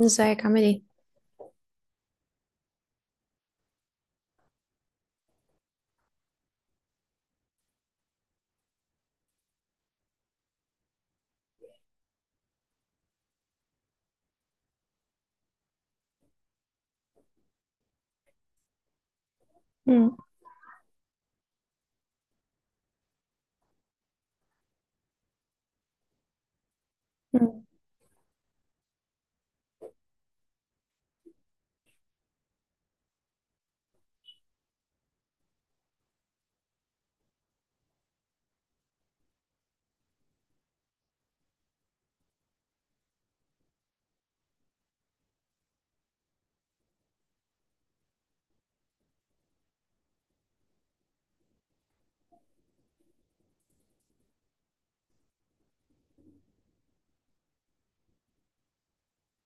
ازيك عامل ايه؟ مم. مم.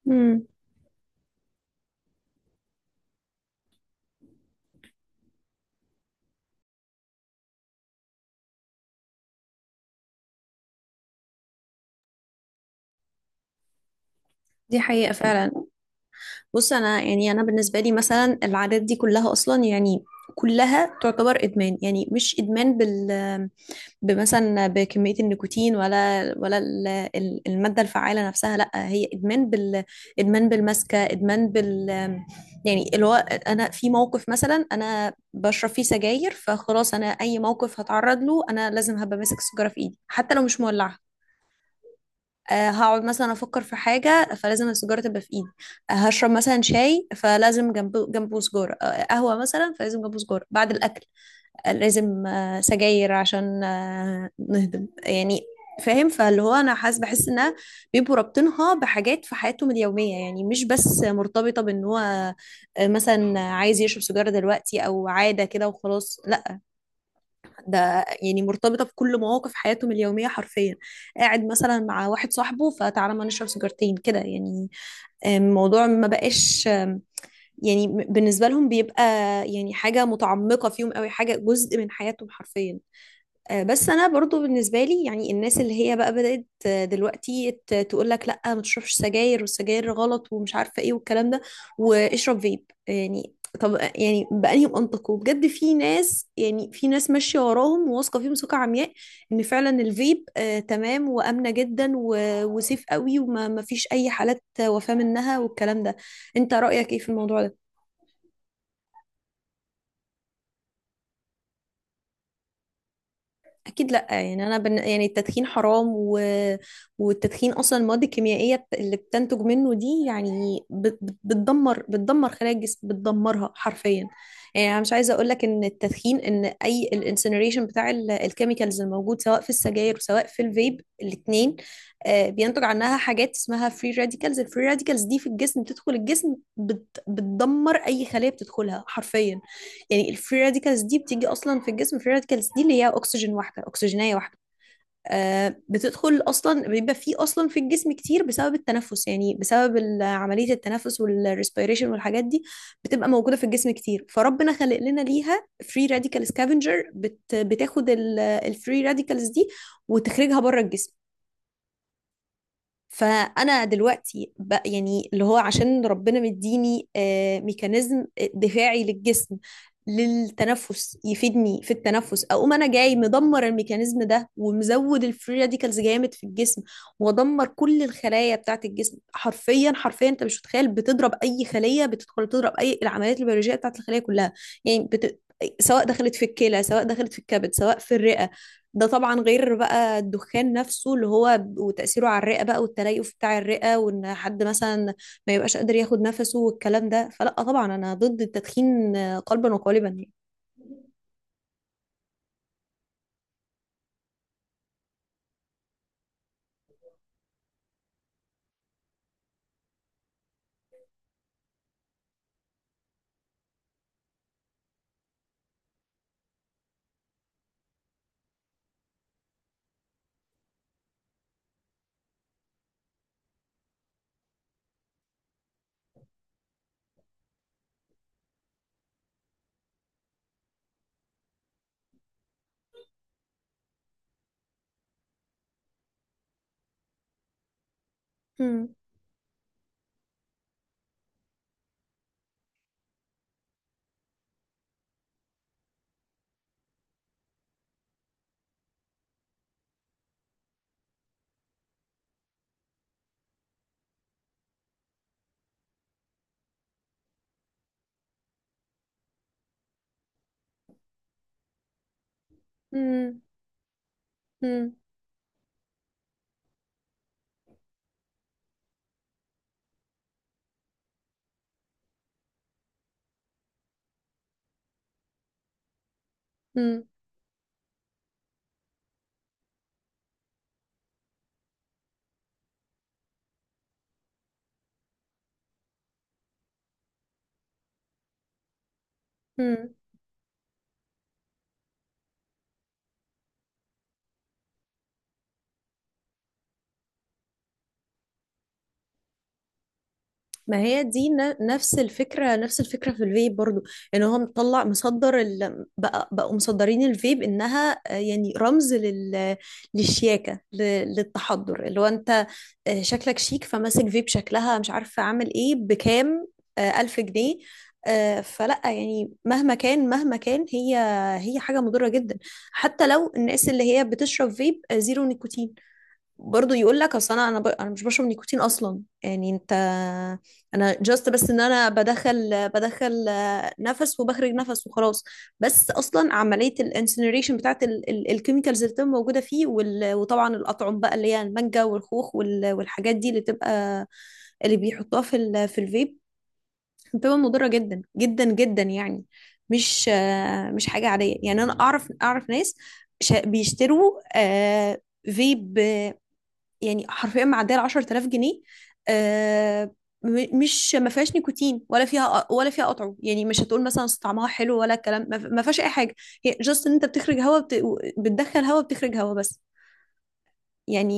مم. دي حقيقة فعلا. بص، انا انا بالنسبه لي مثلا العادات دي كلها اصلا كلها تعتبر ادمان. يعني مش ادمان بال- بمثلا بكميه النيكوتين ولا الماده الفعاله نفسها، لا هي ادمان بال- ادمان بالمسكه، ادمان بال- يعني اللي هو انا في موقف مثلا انا بشرب فيه سجاير، فخلاص انا اي موقف هتعرض له انا لازم هبقى ماسك السيجاره في ايدي حتى لو مش مولعه. هقعد مثلا افكر في حاجه فلازم السيجاره تبقى في ايدي. هشرب مثلا شاي فلازم جنبه سجاره، قهوه مثلا فلازم جنبه سجاره بعد الاكل. لازم سجاير عشان نهضم يعني. فاهم؟ فاللي هو انا حاسس، بحس انها بيبقوا رابطينها بحاجات في حياتهم اليوميه، يعني مش بس مرتبطه بان هو مثلا عايز يشرب سيجاره دلوقتي او عاده كده وخلاص. ده يعني مرتبطة بكل مواقف حياتهم اليومية حرفيا. قاعد مثلا مع واحد صاحبه، فتعالى ما نشرب سيجارتين كده يعني. الموضوع ما بقاش يعني بالنسبة لهم بيبقى يعني حاجة متعمقة فيهم قوي، حاجة جزء من حياتهم حرفيا. بس انا برضو بالنسبه لي، يعني الناس اللي هي بقى بدات دلوقتي تقول لك لا ما تشربش سجاير، والسجاير غلط، ومش عارفه ايه، والكلام ده، واشرب فيب يعني. طب يعني بأنهي منطق؟ وبجد في ناس، يعني في ناس ماشيه وراهم وواثقه فيهم ثقه عمياء ان فعلا الفيب آه تمام وامنه جدا وسيف قوي، وما ما فيش اي حالات وفاه منها والكلام ده. انت رأيك ايه في الموضوع ده؟ اكيد لا، يعني انا بن... يعني التدخين حرام و... والتدخين اصلا المواد الكيميائيه اللي بتنتج منه دي يعني بت... بت- بتدمر، خلايا الجسم، بتدمرها حرفيا. يعني انا مش عايزه اقول لك ان التدخين، ان اي الانسنريشن بتاع الكيميكالز الموجود سواء في السجاير وسواء في الفيب الاثنين بينتج عنها حاجات اسمها فري راديكالز. الفري راديكالز دي في الجسم بتدخل الجسم بت... بتدمر اي خليه بتدخلها حرفيا. يعني الفري راديكالز دي بتيجي اصلا في الجسم، الفري راديكالز دي اللي هي اكسجين واحده، اكسجينيه واحده، آه بتدخل اصلا، بيبقى في اصلا في الجسم كتير بسبب التنفس، يعني بسبب عمليه التنفس والريسبيريشن والحاجات دي. بتبقى موجوده في الجسم كتير، فربنا خلق لنا ليها فري راديكال سكافنجر بتاخد الفري راديكالز دي وتخرجها بره الجسم. فانا دلوقتي بقى يعني اللي هو عشان ربنا مديني ميكانيزم دفاعي للجسم، للتنفس، يفيدني في التنفس، اقوم انا جاي مدمر الميكانيزم ده، ومزود الفري راديكالز جامد في الجسم، وادمر كل الخلايا بتاعت الجسم حرفيا. حرفيا انت مش متخيل، بتضرب اي خليه بتدخل، تضرب اي العمليات البيولوجيه بتاعت الخليه كلها، يعني بت... سواء دخلت في الكلى، سواء دخلت في الكبد، سواء في الرئه. ده طبعا غير بقى الدخان نفسه اللي هو وتأثيره على الرئة بقى، والتليف بتاع الرئة، وان حد مثلا ما يبقاش قادر ياخد نفسه والكلام ده. فلا طبعا انا ضد التدخين قلبا وقالبا يعني. مم. مم. مم. مم. ما هي دي نفس الفكرة، نفس الفكرة في الفيب برضو، ان هو مطلع مصدر ال... بقى بقوا مصدرين الفيب انها يعني رمز لل... للشياكة ل... للتحضر، اللي هو انت شكلك شيك فماسك فيب، شكلها مش عارفة عامل ايه بكام؟ ألف جنيه. فلا يعني مهما كان هي، هي حاجة مضرة جدا. حتى لو الناس اللي هي بتشرب فيب زيرو نيكوتين، برضو يقول لك اصل انا ب... انا مش بشرب نيكوتين اصلا يعني. انت انا جاست بس ان بدخل، بدخل نفس وبخرج نفس وخلاص. بس اصلا عمليه الانسنريشن بتاعت ال... ال... الكيميكالز اللي بتبقى موجوده فيه، وال... وطبعا الاطعم بقى اللي هي المانجا والخوخ وال... والحاجات دي اللي تبقى اللي بيحطوها في ال... في الفيب بتبقى مضره جدا جدا جدا يعني. مش مش حاجه عاديه، يعني انا اعرف، اعرف ناس بيشتروا فيب يعني حرفيا معديه ال 10000 جنيه. آه، مش ما فيهاش نيكوتين ولا فيها، ولا فيها قطعه، يعني مش هتقول مثلا أصل طعمها حلو ولا الكلام، ما فيهاش اي حاجه. هي جاست ان انت بتخرج هواء بت... بتدخل هواء بتخرج هواء بس يعني.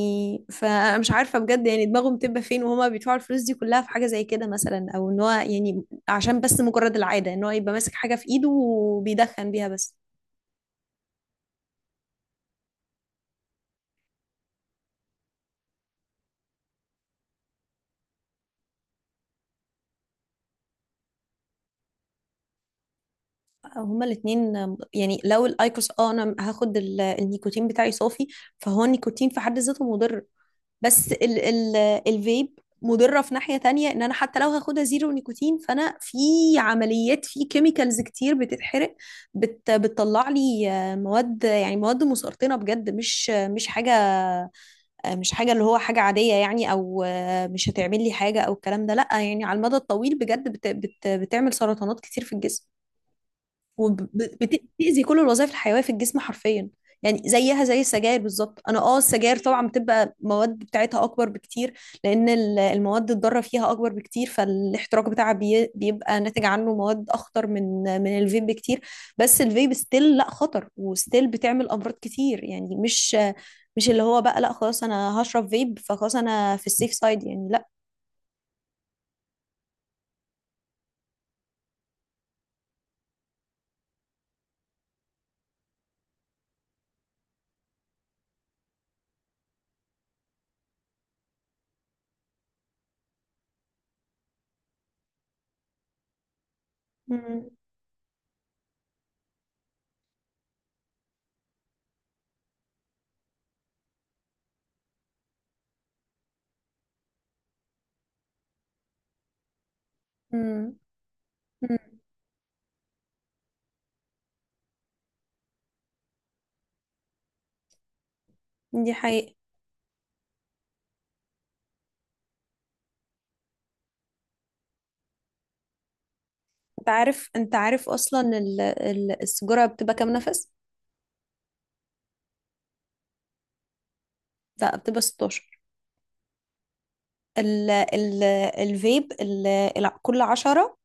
فانا مش عارفه بجد، يعني دماغهم بتبقى فين وهما بيدفعوا الفلوس دي كلها في حاجه زي كده مثلا؟ او ان هو يعني عشان بس مجرد العاده ان هو يبقى ماسك حاجه في ايده وبيدخن بيها بس. هما الاثنين، يعني لو الايكوس اه انا هاخد النيكوتين بتاعي صافي، فهو النيكوتين في حد ذاته مضر. بس ال الفيب مضرة في ناحية تانية، ان انا حتى لو هاخدها زيرو نيكوتين فانا في عمليات في كيميكالز كتير بتتحرق، بتطلع لي مواد، يعني مواد مسرطنة بجد، مش مش حاجة مش حاجة اللي هو حاجة عادية يعني، او مش هتعمل لي حاجة او الكلام ده، لا يعني على المدى الطويل بجد بت بت بتعمل سرطانات كتير في الجسم وبتأذي كل الوظائف الحيوية في الجسم حرفيا. يعني زيها زي السجاير بالظبط. انا اه السجاير طبعا بتبقى مواد بتاعتها اكبر بكتير، لان المواد الضاره فيها اكبر بكتير، فالاحتراق بتاعها بيبقى ناتج عنه مواد اخطر من من الفيب بكتير. بس الفيب ستيل لا خطر وستيل بتعمل امراض كتير، يعني مش مش اللي هو بقى لا خلاص انا هشرب فيب فخلاص انا في السيف سايد يعني. لا امم، امم دي حقيقة. انت عارف، انت عارف اصلا السيجاره بتبقى كام نفس؟ لا بتبقى 16. ال ال الفيب كل 10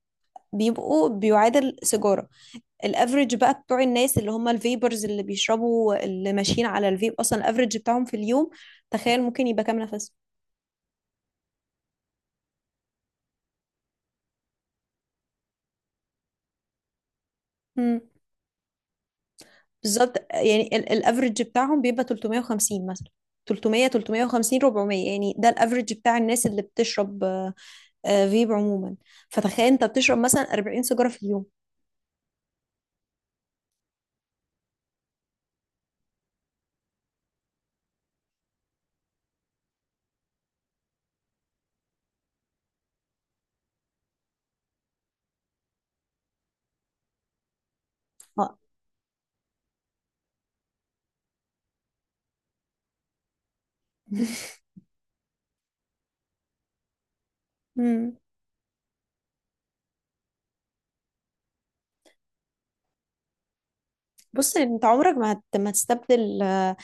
بيبقوا بيعادل سيجاره. الافريج بقى بتوع الناس اللي هم الفيبرز اللي بيشربوا اللي ماشيين على الفيب اصلا، الافريج بتاعهم في اليوم تخيل ممكن يبقى كام نفس؟ امم بالظبط يعني الافريج بتاعهم بيبقى 350 مثلا، 300، 350، 400، يعني ده الافريج بتاع الناس اللي بتشرب فيب عموما. فتخيل انت بتشرب مثلا 40 سيجاره في اليوم. آه. مم. بص انت عمرك ما هت... ما هتستبدل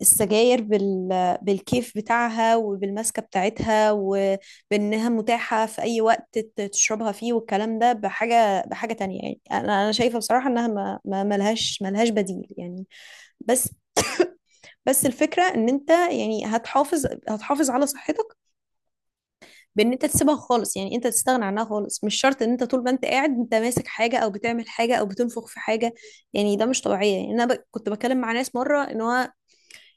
السجاير بال... بالكيف بتاعها وبالماسكه بتاعتها وبانها متاحه في اي وقت تشربها فيه والكلام ده بحاجه، بحاجه تانية. يعني انا شايفه بصراحه انها ما ملهاش، ملهاش بديل يعني. بس بس الفكره ان انت يعني هتحافظ على صحتك بان انت تسيبها خالص، يعني انت تستغنى عنها خالص، مش شرط ان انت طول ما انت قاعد انت ماسك حاجه او بتعمل حاجه او بتنفخ في حاجه. يعني ده مش طبيعي. يعني انا ب... كنت بتكلم مع ناس مره ان هو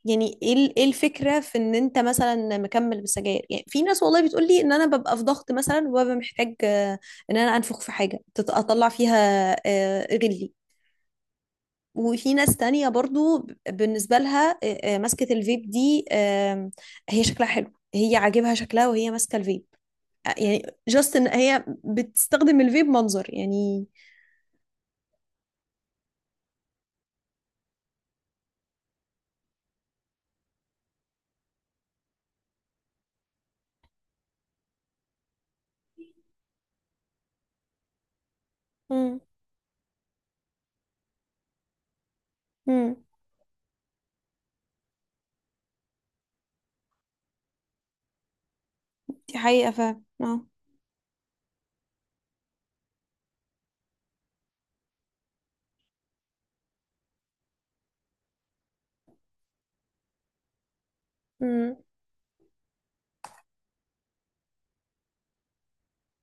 يعني ايه إيه الفكره في ان انت مثلا مكمل بالسجاير؟ يعني في ناس والله بتقول لي ان انا ببقى في ضغط مثلا، وببقى محتاج ان انا انفخ في حاجه اطلع فيها غلي. وفي ناس تانية برضو بالنسبة لها مسكة الفيب دي آم، هي شكلها حلو، هي عاجبها شكلها وهي ماسكة الفيب. يعني جاست ان هي بتستخدم الفيب منظر يعني. مم. مم. دي حقيقة فعلا اه. امم،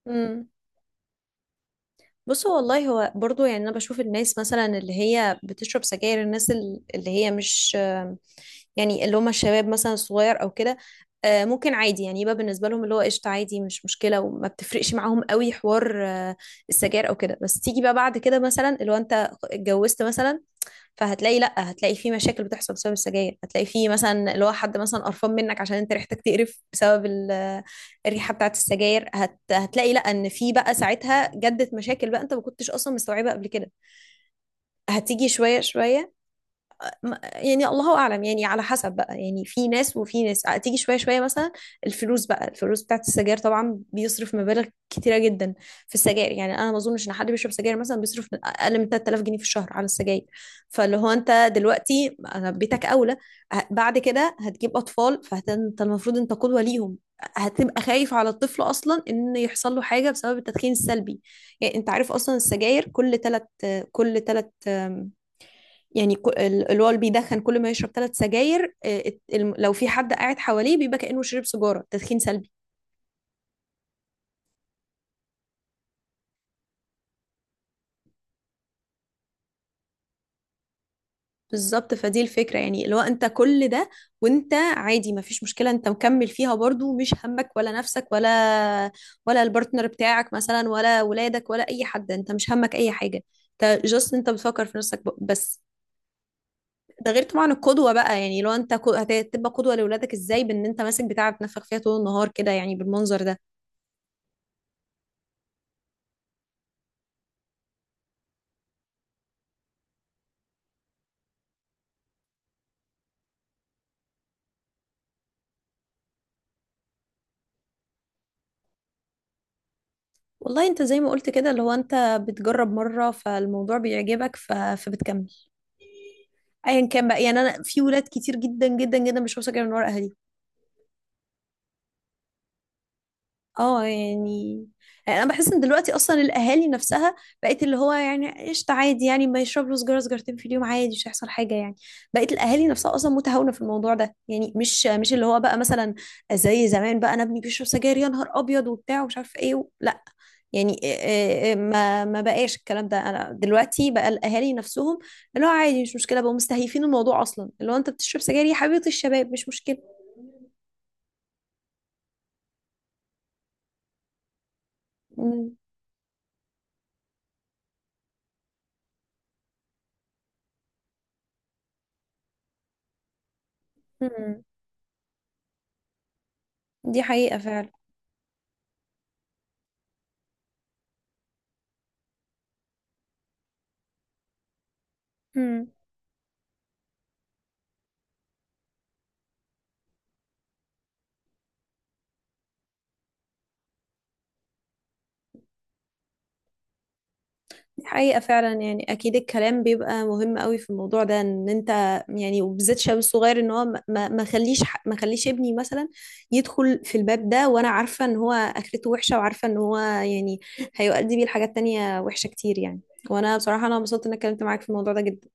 امم بصوا والله، هو برضو يعني انا بشوف الناس مثلا اللي هي بتشرب سجاير، الناس اللي هي مش آم، يعني اللي هم الشباب مثلا الصغير او كده، ممكن عادي يعني يبقى بالنسبه لهم اللي هو قشطه، عادي مش مشكله وما بتفرقش معاهم قوي حوار السجاير او كده. بس تيجي بقى بعد كده مثلا اللي هو انت اتجوزت مثلا، فهتلاقي لا، هتلاقي في مشاكل بتحصل بسبب السجاير، هتلاقي في مثلا اللي هو حد مثلا قرفان منك عشان انت ريحتك تقرف بسبب الريحه بتاعت السجاير. هت... هتلاقي لا ان في بقى ساعتها جدت مشاكل بقى انت ما كنتش اصلا مستوعبه قبل كده، هتيجي شويه شويه. يعني الله اعلم، يعني على حسب بقى، يعني في ناس وفي ناس تيجي شويه شويه مثلا. الفلوس بقى، الفلوس بتاعت السجاير طبعا، بيصرف مبالغ كتيره جدا في السجاير، يعني انا ما اظنش ان حد بيشرب سجاير مثلا بيصرف من اقل من 3000 جنيه في الشهر على السجاير. فاللي هو انت دلوقتي بيتك اولى، بعد كده هتجيب اطفال فانت المفروض انت قدوه ليهم، هتبقى خايف على الطفل اصلا ان يحصل له حاجه بسبب التدخين السلبي. يعني انت عارف اصلا السجاير، كل ثلاث يعني الوال بيدخن كل ما يشرب ثلاث سجاير لو في حد قاعد حواليه بيبقى كأنه شرب سيجارة، تدخين سلبي. بالظبط، فدي الفكرة يعني اللي هو انت كل ده، وانت عادي ما فيش مشكلة، انت مكمل فيها برضو، مش همك ولا نفسك ولا، ولا البارتنر بتاعك مثلا، ولا ولادك، ولا اي حد، انت مش همك اي حاجة، انت جاست انت بتفكر في نفسك بس. ده غير طبعا القدوة بقى، يعني لو انت هتبقى قدوة لأولادك ازاي بان انت ماسك بتاع بتنفخ فيها طول النهار كده يعني بالمنظر ده؟ والله انت زي ما قلت كده اللي هو انت بتجرب مرة فالموضوع بيعجبك ف... فبتكمل، ايا كان بقى. يعني انا في ولاد كتير جدا جدا جدا مش واثقة من ورا اهاليها. اه يعني، يعني انا بحس ان دلوقتي اصلا الاهالي نفسها بقت اللي هو يعني قشطه، عادي يعني ما يشرب له سجاره سجارتين في اليوم عادي مش هيحصل حاجه يعني. بقت الاهالي نفسها اصلا متهاونه في الموضوع ده، يعني مش مش اللي هو بقى مثلا زي زمان بقى انا ابني بيشرب سجاير يا نهار ابيض وبتاع ومش عارف ايه و... لا يعني إيه- إيه- إيه، ما ما بقاش الكلام ده. انا دلوقتي بقى الاهالي نفسهم اللي هو عادي مش مشكله، بقوا مستهيفين الموضوع اصلا، اللي هو انت بتشرب سجاير يا حبيبه الشباب مش مشكله. مم. مم. دي حقيقه فعلا. مم. دي حقيقة فعلا، يعني أكيد الكلام بيبقى مهم قوي في الموضوع ده إن أنت يعني وبالذات شاب صغير إن هو ما خليش ما خليش ابني مثلا يدخل في الباب ده، وأنا عارفة إن هو آخرته وحشة وعارفة إن هو يعني هيؤدي بيه لحاجات تانية وحشة كتير يعني. وأنا بصراحة انبسطت إن أنا اتكلمت معاك في الموضوع ده جدا.